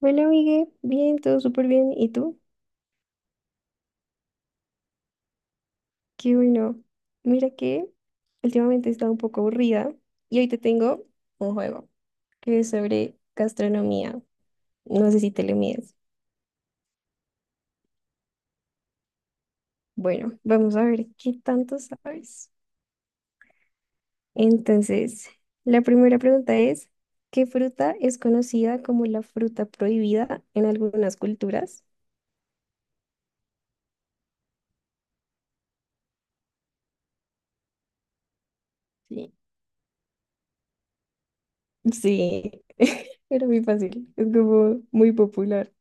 Bueno, Miguel, bien, todo súper bien. ¿Y tú? Qué bueno. Mira que últimamente he estado un poco aburrida y hoy te tengo un juego que es sobre gastronomía. No sé si te le mides. Bueno, vamos a ver qué tanto sabes. Entonces, la primera pregunta es, ¿qué fruta es conocida como la fruta prohibida en algunas culturas? Sí. Sí, era muy fácil. Es como muy popular.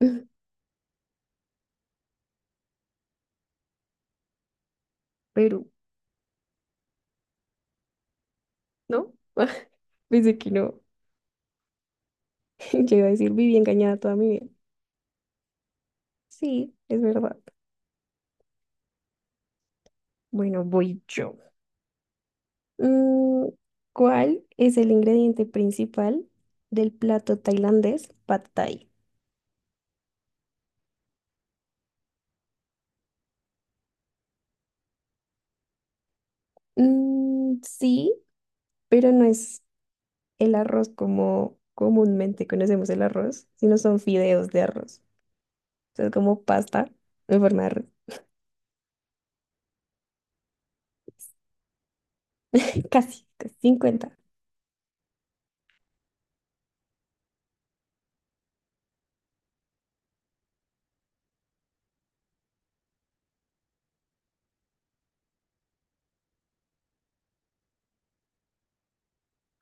Perú, ¿no? Pensé que no. Yo iba a decir, viví engañada toda mi vida. Sí, es verdad. Bueno, voy yo. Mm, ¿Cuál es el ingrediente principal del plato tailandés Pad Thai? Mm, sí, pero no es el arroz como comúnmente conocemos el arroz, sino son fideos de arroz. O sea, es como pasta en forma de arroz. Casi, casi 50.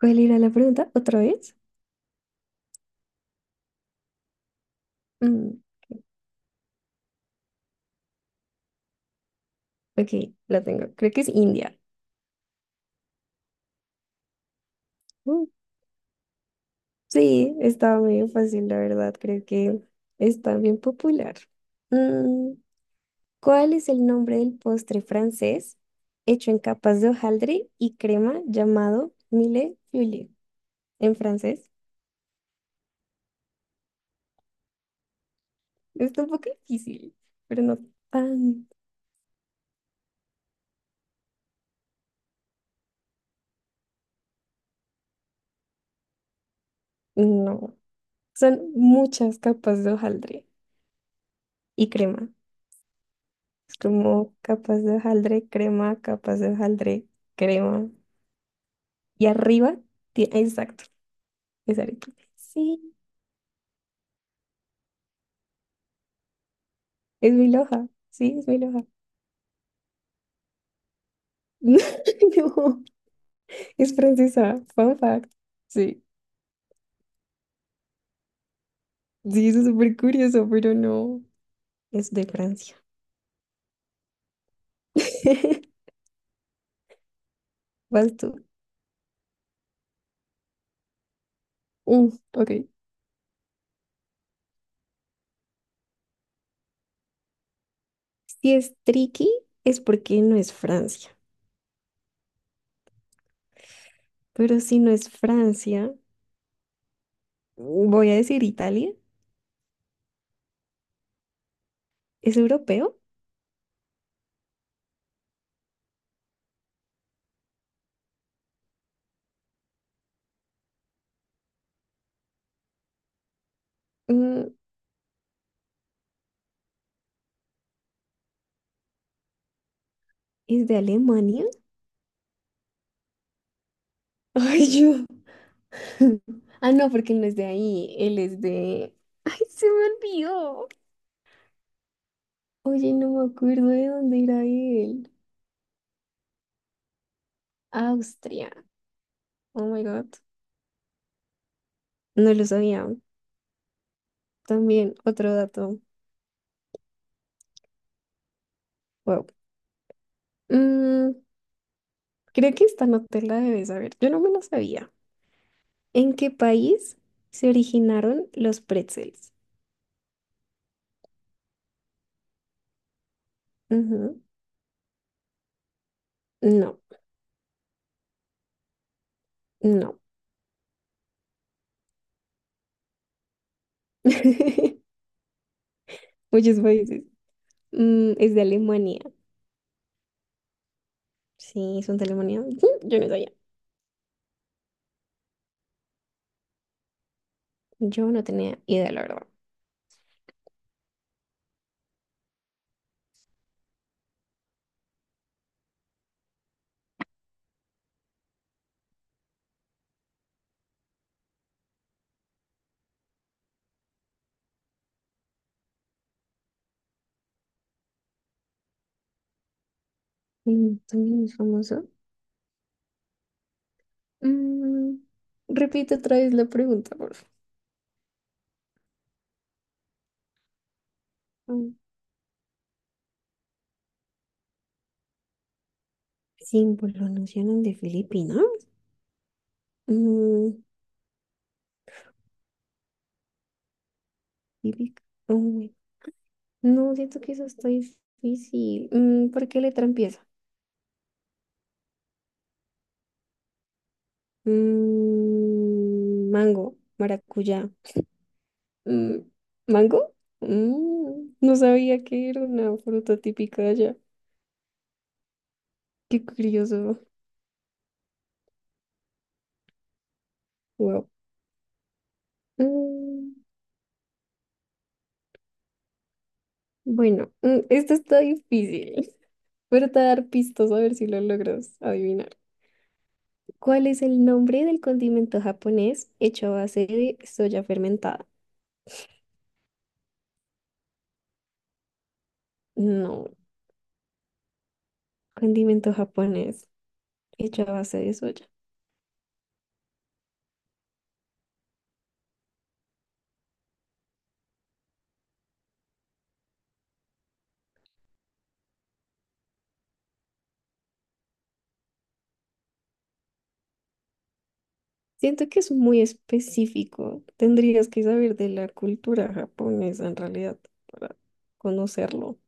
¿Cuál era la pregunta? ¿Otra vez? Mm, ok, la tengo. Creo que es India. Uh, Sí, estaba medio fácil, la verdad, creo que está bien popular. Mm, ¿Cuál es el nombre del postre francés hecho en capas de hojaldre y crema llamado mille feuilles en francés? Está un poco difícil, pero no tan... No, son muchas capas de hojaldre y crema. Es como capas de hojaldre, crema, capas de hojaldre, crema. Y arriba, exacto, es arepa. Sí. Es mi loja, sí, es mi loja. No, es francesa, fun fact. Sí, sí, eso es súper curioso, pero no, es de Francia. Vas tú. Mm, ok. Si es tricky, es porque no es Francia. Pero si no es Francia, voy a decir Italia. ¿Es europeo? Mm, ¿es de Alemania? Ay, yo. Ah, no, porque él no es de ahí, él es de... Ay, se me olvidó. Oye, no me acuerdo de dónde era él. Austria. Oh my God. No lo sabía. También otro dato. Wow. Mm, creo que esta no te la debes saber. Yo no me la sabía. ¿En qué país se originaron los pretzels? Ujú. No, no. Muchos países. Es de Alemania. Sí, son de Alemania. Ujú, yo no sabía. Yo no tenía idea, la verdad. Mm, también es famoso. Mm, repite otra vez la pregunta, por favor. Símbolo nacional de Filipinas. Mm, típica. Uy, no, siento que eso está difícil. ¿Por qué letra empieza? Mango, maracuyá. Mm, ¿Mango? No sabía que era una fruta típica de allá. Qué curioso. Wow. Mm, bueno, esto está difícil. Pero te voy a dar pistas a ver si lo logras adivinar. ¿Cuál es el nombre del condimento japonés hecho a base de soya fermentada? No. Condimento japonés hecho a base de soya. Siento que es muy específico. Tendrías que saber de la cultura japonesa en realidad para conocerlo.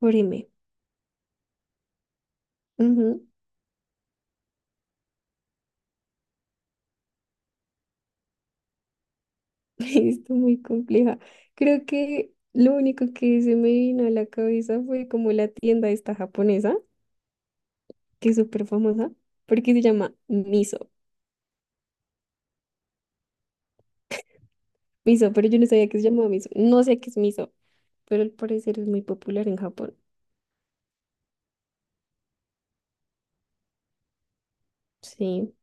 Orime. Ujú. Está muy compleja. Creo que lo único que se me vino a la cabeza fue como la tienda esta japonesa, que es súper famosa, porque se llama Miso. Miso, pero yo no sabía que se llamaba Miso. No sé qué es Miso, pero al parecer es muy popular en Japón. Sí.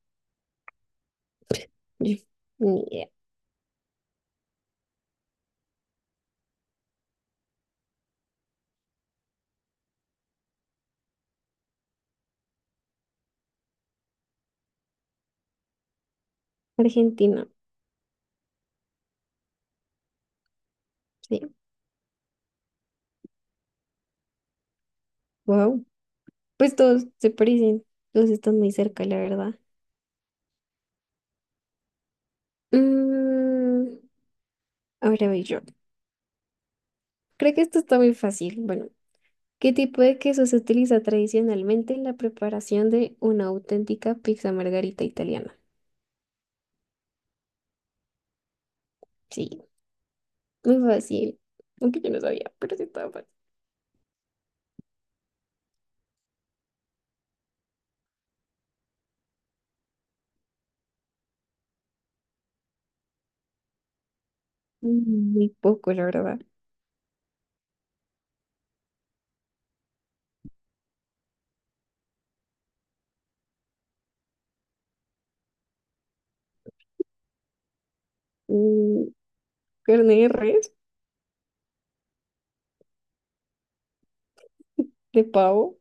Ni idea. Argentina, sí. Wow. Pues todos se parecen, todos están muy cerca, la verdad. Mm, ahora voy yo. Creo que esto está muy fácil. Bueno, ¿qué tipo de queso se utiliza tradicionalmente en la preparación de una auténtica pizza margarita italiana? Sí, muy fácil. Aunque yo no sabía, pero sí estaba fácil. Mm, muy poco, la verdad. Mm, carne de res, de pavo.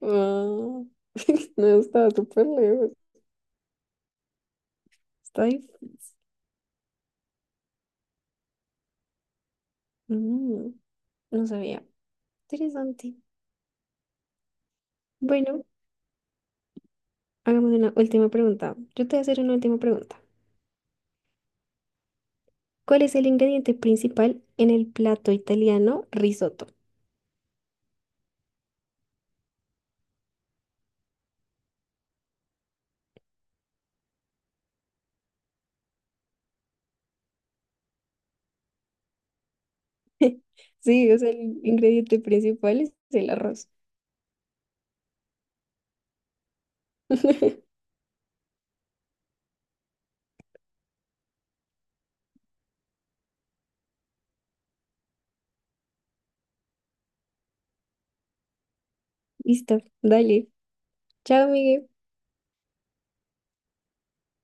Ah, no, estaba súper lejos. Está difícil. Mm, no sabía. Interesante. Bueno, hagamos una última pregunta. Yo te voy a hacer una última pregunta. ¿Cuál es el ingrediente principal en el plato italiano risotto? Sí, o sea, el ingrediente principal es el arroz. Listo, dale. Chao, Miguel.